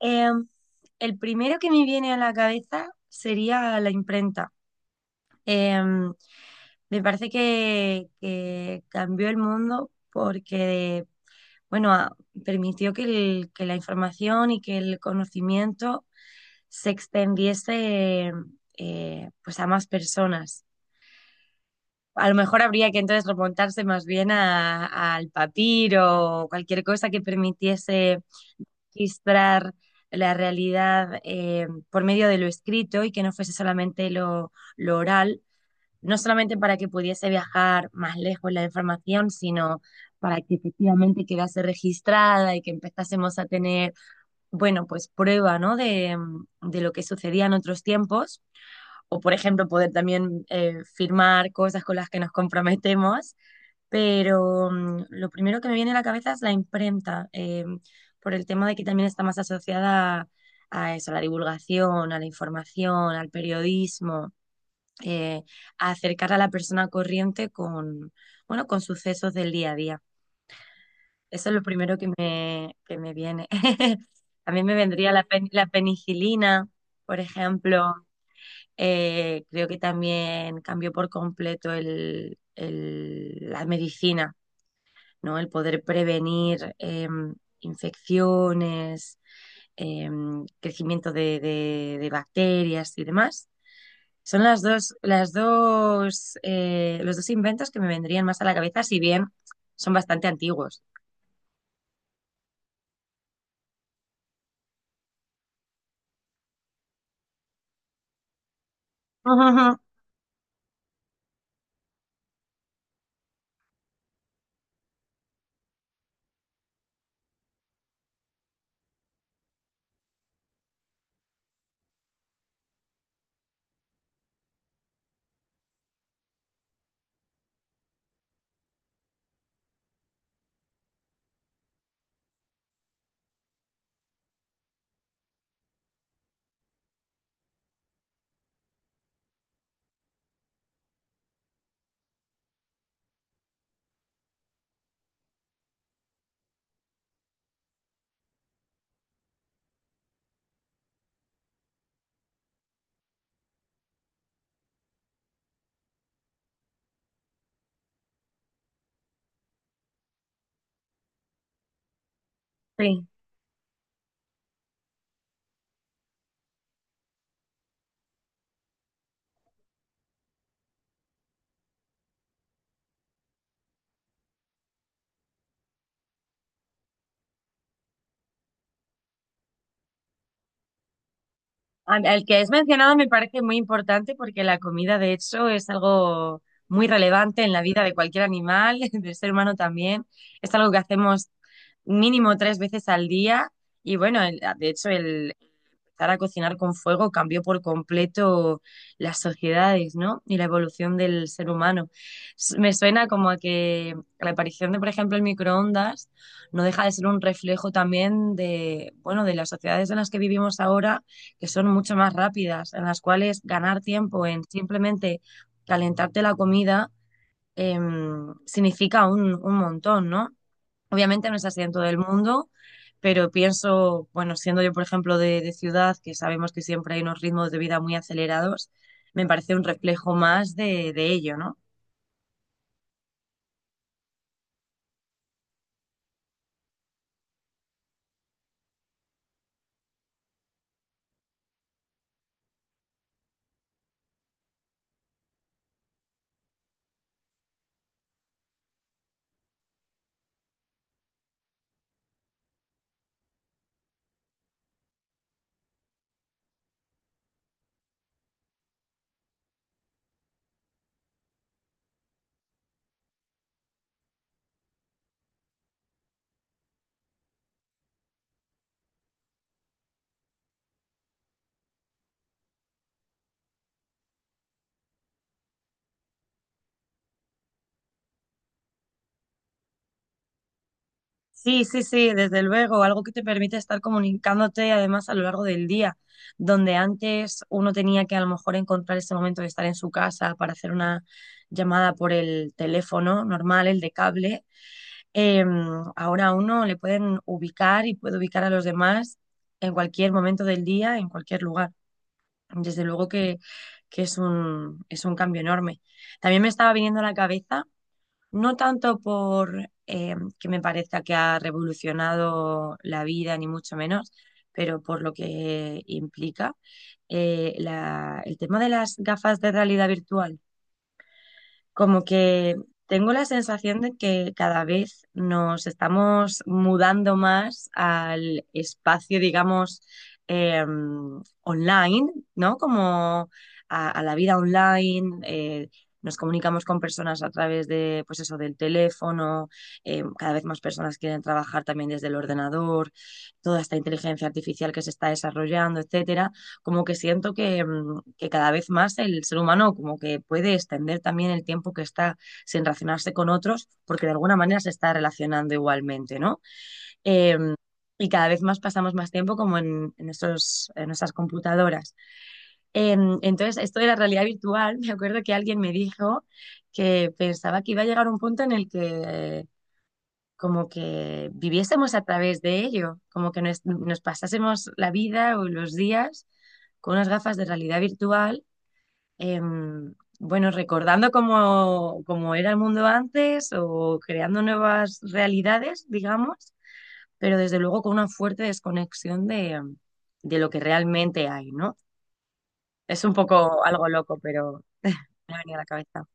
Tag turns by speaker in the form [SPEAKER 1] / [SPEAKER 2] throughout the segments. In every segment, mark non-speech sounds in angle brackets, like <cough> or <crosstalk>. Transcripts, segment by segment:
[SPEAKER 1] Em, el primero que me viene a la cabeza sería la imprenta. Em, Me parece que cambió el mundo porque, bueno, permitió que la información y que el conocimiento se extendiese pues a más personas. A lo mejor habría que entonces remontarse más bien al papiro o cualquier cosa que permitiese registrar la realidad por medio de lo escrito y que no fuese solamente lo oral, no solamente para que pudiese viajar más lejos la información, sino para que efectivamente quedase registrada y que empezásemos a tener, bueno, pues prueba, ¿no? De de lo que sucedía en otros tiempos, o por ejemplo poder también firmar cosas con las que nos comprometemos pero lo primero que me viene a la cabeza es la imprenta, por el tema de que también está más asociada a, eso, a la divulgación, a la información, al periodismo, eh, a acercar a la persona corriente con, bueno, con sucesos del día a día. Eso es lo primero que que me viene. <laughs> A mí me vendría la penicilina, por ejemplo. Creo que también cambió por completo la medicina, ¿no? El poder prevenir infecciones, eh, crecimiento de bacterias y demás. Son las dos, los dos inventos que me vendrían más a la cabeza, si bien son bastante antiguos. <laughs> Sí. Al que has mencionado me parece muy importante porque la comida, de hecho, es algo muy relevante en la vida de cualquier animal, <laughs> del ser humano también. Es algo que hacemos mínimo tres veces al día y bueno, de hecho, el empezar a cocinar con fuego cambió por completo las sociedades, ¿no? Y la evolución del ser humano. Me suena como a que la aparición de, por ejemplo, el microondas no deja de ser un reflejo también de, bueno, de las sociedades en las que vivimos ahora, que son mucho más rápidas, en las cuales ganar tiempo en simplemente calentarte la comida eh, significa un montón, ¿no? Obviamente no es así en todo el mundo, pero pienso, bueno, siendo yo, por ejemplo, de ciudad, que sabemos que siempre hay unos ritmos de vida muy acelerados, me parece un reflejo más de ello, ¿no? Sí, sí, sí, desde luego, algo que te permite estar comunicándote además a lo largo del día, donde antes uno tenía que a lo mejor encontrar ese momento de estar en su casa para hacer una llamada por el teléfono normal, el de cable, eh, ahora a uno le pueden ubicar y puede ubicar a los demás en cualquier momento del día, en cualquier lugar. Desde luego que es es un cambio enorme. También me estaba viniendo a la cabeza no tanto por que me parezca que ha revolucionado la vida, ni mucho menos, pero por lo que implica el tema de las gafas de realidad virtual, como que tengo la sensación de que cada vez nos estamos mudando más al espacio, digamos, eh, online, ¿no? Como a la vida online. Nos comunicamos con personas a través de, pues eso, del teléfono, cada vez más personas quieren trabajar también desde el ordenador, toda esta inteligencia artificial que se está desarrollando, etcétera, como que siento que que cada vez más el ser humano como que puede extender también el tiempo que está sin relacionarse con otros, porque de alguna manera se está relacionando igualmente, ¿no? Em, y cada vez más pasamos más tiempo como esos en nuestras computadoras. Entonces, esto de la realidad virtual, <laughs> me acuerdo que alguien me dijo que pensaba que iba a llegar un punto en el que como que viviésemos a través de ello, como que nos pasásemos la vida o los días con unas gafas de realidad virtual, em, bueno, recordando cómo, cómo era el mundo antes o creando nuevas realidades, digamos, pero desde luego con una fuerte desconexión de lo que realmente hay, ¿no? Es un poco algo loco, pero me ha venido a la cabeza.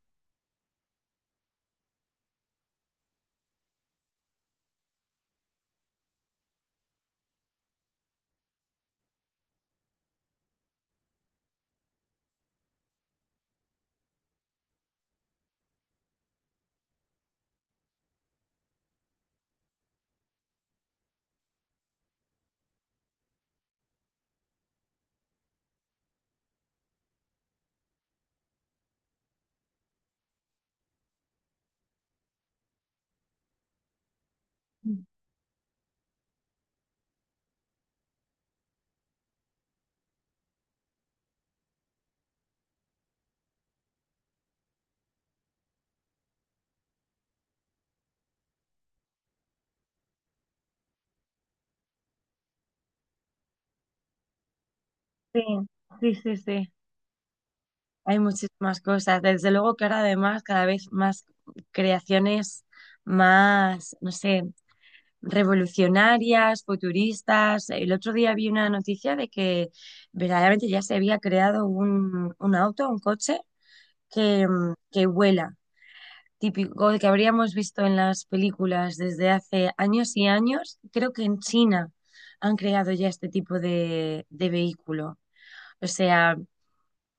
[SPEAKER 1] Sí, sí, sí, sí. Hay muchísimas cosas. Desde luego que ahora además cada vez más creaciones más, no sé, revolucionarias, futuristas. El otro día vi una noticia de que verdaderamente ya se había creado un auto, un coche que que vuela. Típico de que habríamos visto en las películas desde hace años y años. Creo que en China han creado ya este tipo de vehículo. O sea,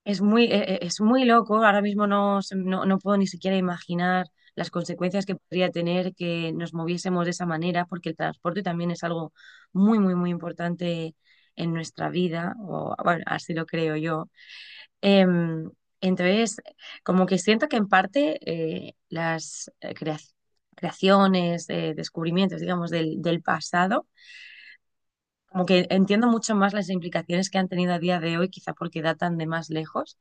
[SPEAKER 1] es muy, es muy loco, ahora mismo no, no puedo ni siquiera imaginar las consecuencias que podría tener que nos moviésemos de esa manera, porque el transporte también es algo muy, muy, muy importante en nuestra vida, o bueno, así lo creo yo. Em, entonces, como que siento que en parte las creaciones, descubrimientos, digamos, del, del pasado, como que entiendo mucho más las implicaciones que han tenido a día de hoy, quizá porque datan de más lejos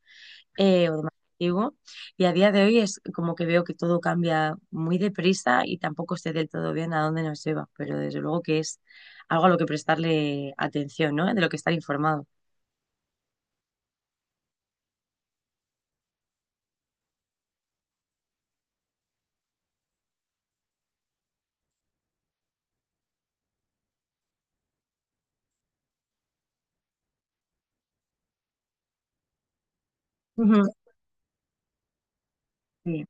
[SPEAKER 1] o de más antiguo. Y a día de hoy es como que veo que todo cambia muy deprisa y tampoco sé del todo bien a dónde nos lleva, pero desde luego que es algo a lo que prestarle atención, ¿no? De lo que estar informado. Ujú, sí.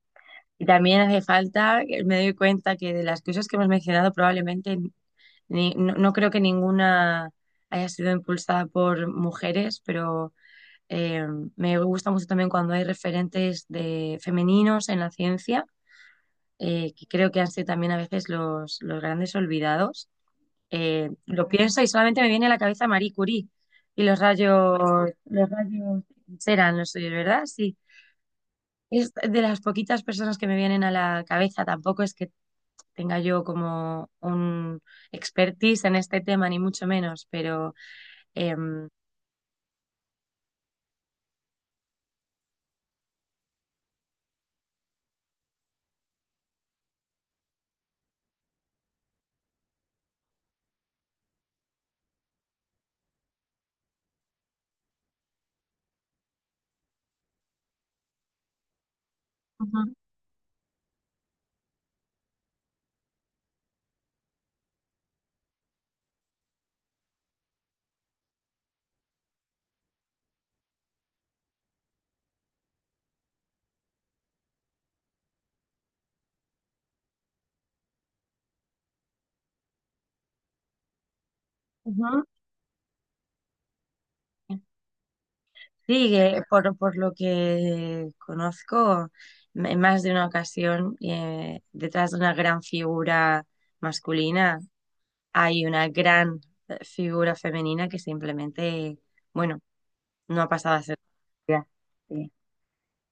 [SPEAKER 1] Y también hace falta, me doy cuenta que de las cosas que hemos mencionado probablemente no creo que ninguna haya sido impulsada por mujeres, pero eh, me gusta mucho también cuando hay referentes de femeninos en la ciencia que creo que han sido también a veces los grandes olvidados. Lo pienso y solamente me viene a la cabeza Marie Curie y los rayos serán los suyos, ¿verdad? Sí, es de las poquitas personas que me vienen a la cabeza, tampoco es que tenga yo como un expertise en este tema, ni mucho menos, pero... em, ujú, ujú. Sí, que por lo que conozco, en más de una ocasión, detrás de una gran figura masculina hay una gran figura femenina que simplemente, bueno, no ha pasado a ser. Ya, sí.